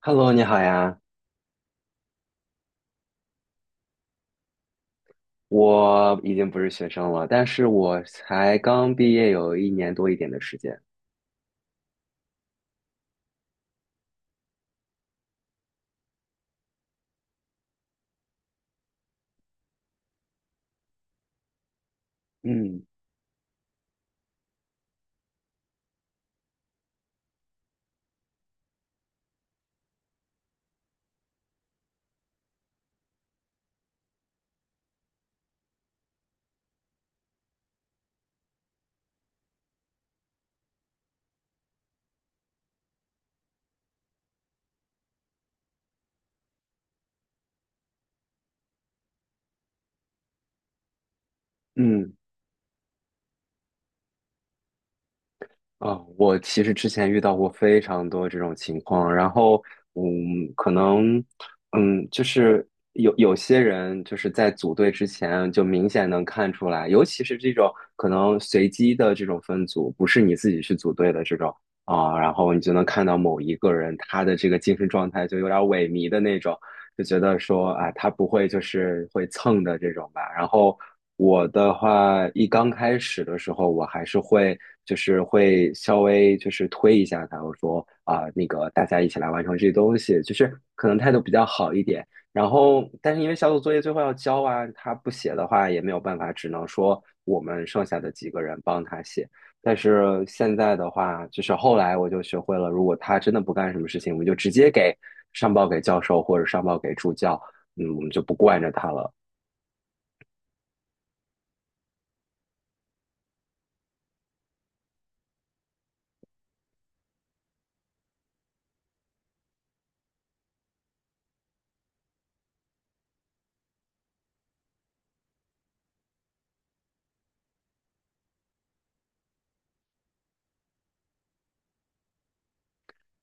Hello，你好呀，我已经不是学生了，但是我才刚毕业有1年多一点的时间。嗯嗯，啊，我其实之前遇到过非常多这种情况，然后，可能，就是有些人就是在组队之前就明显能看出来，尤其是这种可能随机的这种分组，不是你自己去组队的这种啊，然后你就能看到某一个人他的这个精神状态就有点萎靡的那种，就觉得说啊，他不会就是会蹭的这种吧。然后我的话，一刚开始的时候，我还是会就是会稍微就是推一下他，我说啊，那个大家一起来完成这些东西，就是可能态度比较好一点。然后，但是因为小组作业最后要交啊，他不写的话也没有办法，只能说我们剩下的几个人帮他写。但是现在的话，就是后来我就学会了，如果他真的不干什么事情，我们就直接上报给教授或者上报给助教，嗯，我们就不惯着他了。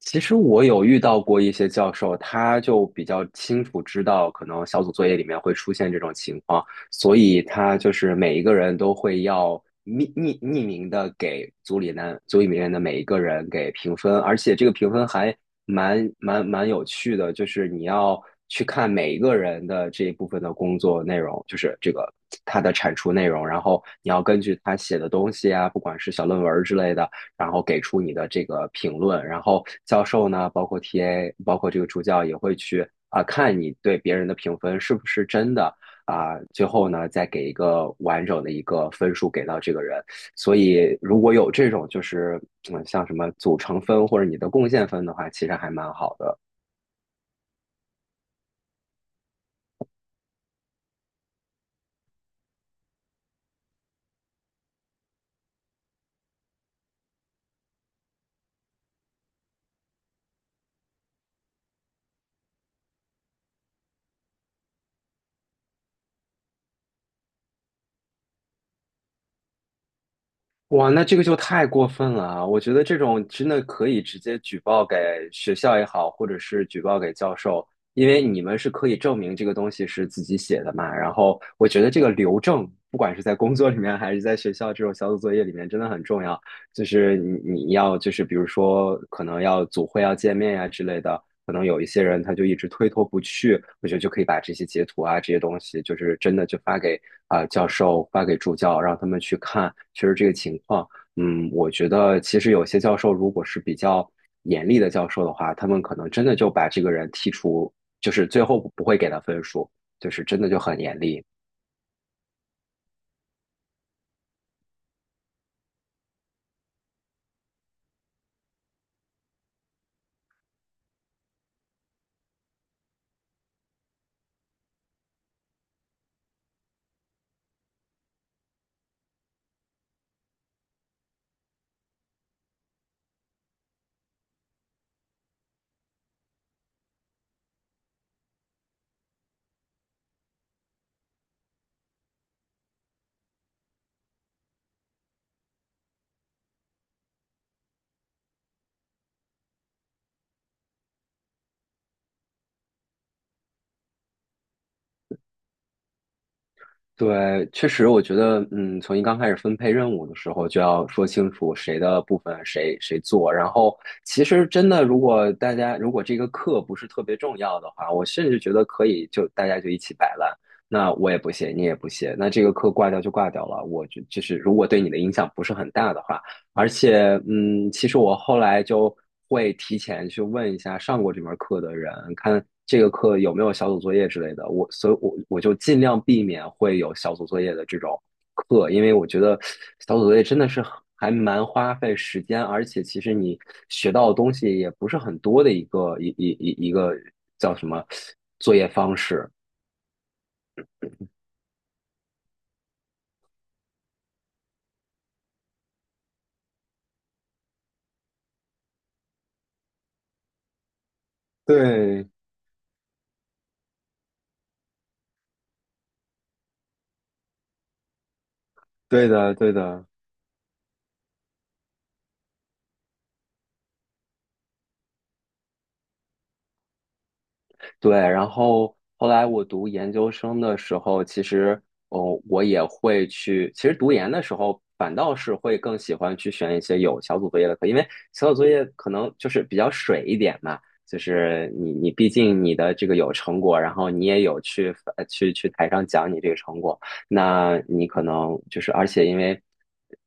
其实我有遇到过一些教授，他就比较清楚知道，可能小组作业里面会出现这种情况，所以他就是每一个人都会要匿名的给组里面的每一个人给评分，而且这个评分还蛮有趣的，就是你要去看每一个人的这一部分的工作内容，就是这个他的产出内容，然后你要根据他写的东西啊，不管是小论文之类的。然后给出你的这个评论。然后教授呢，包括 TA,包括这个助教也会去啊、看你对别人的评分是不是真的啊、最后呢再给一个完整的一个分数给到这个人。所以如果有这种就是像什么组成分或者你的贡献分的话，其实还蛮好的。哇，那这个就太过分了啊！我觉得这种真的可以直接举报给学校也好，或者是举报给教授，因为你们是可以证明这个东西是自己写的嘛。然后我觉得这个留证，不管是在工作里面还是在学校这种小组作业里面，真的很重要。就是你要就是比如说可能要组会要见面呀、之类的，可能有一些人他就一直推脱不去，我觉得就可以把这些截图啊这些东西，就是真的就发给啊、教授，发给助教，让他们去看，确实这个情况。嗯，我觉得其实有些教授如果是比较严厉的教授的话，他们可能真的就把这个人剔除，就是最后不会给他分数，就是真的就很严厉。对，确实，我觉得，从一刚开始分配任务的时候，就要说清楚谁的部分谁做。然后，其实真的，如果大家如果这个课不是特别重要的话，我甚至觉得可以就大家就一起摆烂。那我也不写，你也不写，那这个课挂掉就挂掉了。我就是，如果对你的影响不是很大的话，而且，其实我后来就会提前去问一下上过这门课的人，看这个课有没有小组作业之类的。我，所以我就尽量避免会有小组作业的这种课，因为我觉得小组作业真的是很还蛮花费时间，而且其实你学到的东西也不是很多的一个一个叫什么作业方式。对，对的，对的。对，然后后来我读研究生的时候，其实，哦，我也会去。其实读研的时候，反倒是会更喜欢去选一些有小组作业的课，因为小组作业可能就是比较水一点嘛，就是你毕竟你的这个有成果，然后你也有去去台上讲你这个成果。那你可能就是，而且因为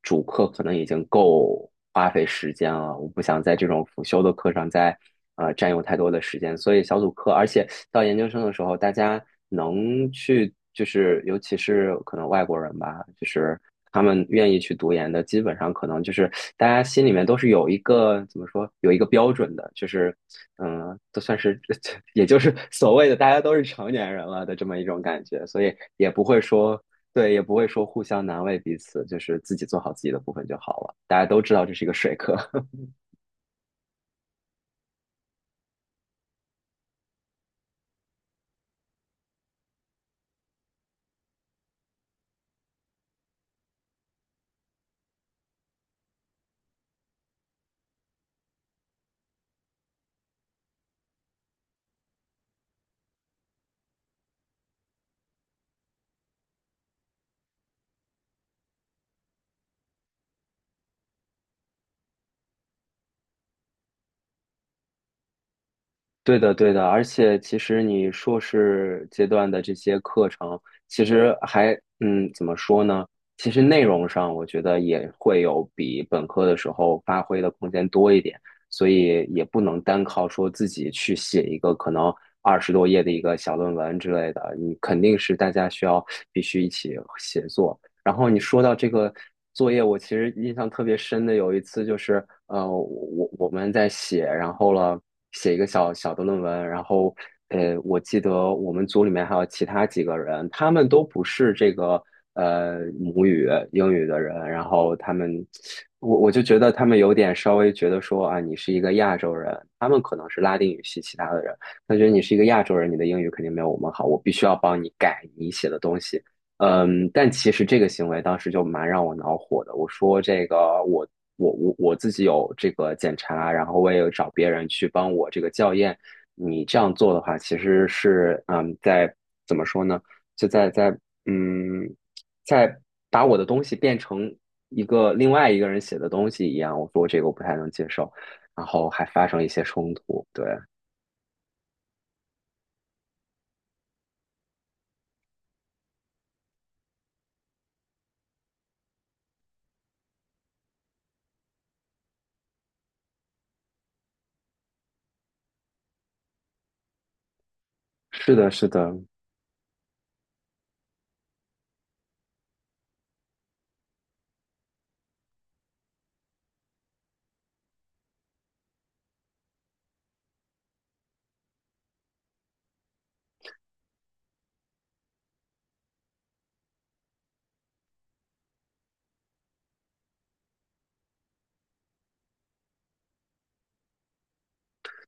主课可能已经够花费时间了，我不想在这种辅修的课上再占用太多的时间，所以小组课，而且到研究生的时候，大家能去就是，尤其是可能外国人吧，就是他们愿意去读研的，基本上可能就是大家心里面都是有一个怎么说，有一个标准的，就是都算是 也就是所谓的大家都是成年人了的这么一种感觉，所以也不会说对，也不会说互相难为彼此，就是自己做好自己的部分就好了。大家都知道这是一个水课，对的，对的。而且其实你硕士阶段的这些课程，其实还怎么说呢？其实内容上，我觉得也会有比本科的时候发挥的空间多一点，所以也不能单靠说自己去写一个可能20多页的一个小论文之类的，你肯定是大家需要必须一起协作。然后你说到这个作业，我其实印象特别深的有一次就是，我们在写，然后了写一个小小的论文，然后我记得我们组里面还有其他几个人，他们都不是这个母语英语的人，然后他们，我就觉得他们有点稍微觉得说啊，你是一个亚洲人，他们可能是拉丁语系其他的人，他觉得你是一个亚洲人，你的英语肯定没有我们好，我必须要帮你改你写的东西。嗯，但其实这个行为当时就蛮让我恼火的。我说这个我我自己有这个检查，然后我也有找别人去帮我这个校验。你这样做的话，其实是在怎么说呢？就嗯，在把我的东西变成一个另外一个人写的东西一样。我说这个我不太能接受，然后还发生一些冲突。对，是的，是的，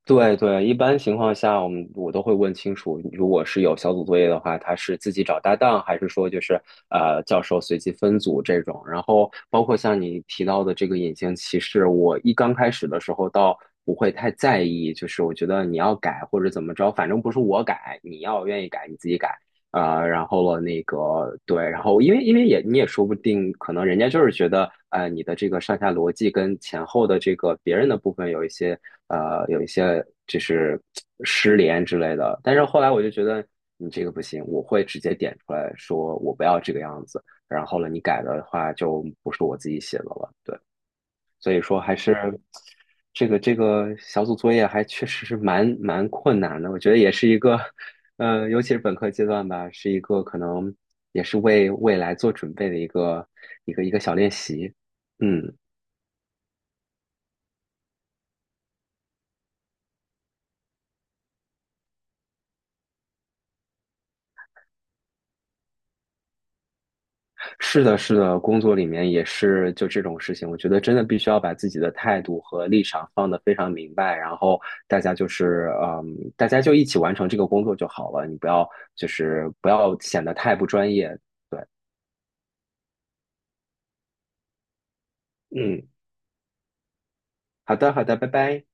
对对，一般情况下，我们我都会问清楚，如果是有小组作业的话，他是自己找搭档，还是说就是教授随机分组这种。然后包括像你提到的这个隐形歧视，我一刚开始的时候倒不会太在意，就是我觉得你要改或者怎么着，反正不是我改，你要愿意改你自己改。啊，然后了那个对，然后因为也你也说不定，可能人家就是觉得，你的这个上下逻辑跟前后的这个别人的部分有一些就是失联之类的。但是后来我就觉得你这个不行，我会直接点出来说我不要这个样子，然后了你改的话就不是我自己写的了，对。所以说还是这个小组作业还确实是蛮困难的，我觉得也是一个，尤其是本科阶段吧，是一个可能也是为未来做准备的一个小练习。嗯，是的，是的，工作里面也是就这种事情，我觉得真的必须要把自己的态度和立场放得非常明白，然后大家就是大家就一起完成这个工作就好了，你不要显得太不专业。嗯，好的，好的，拜拜。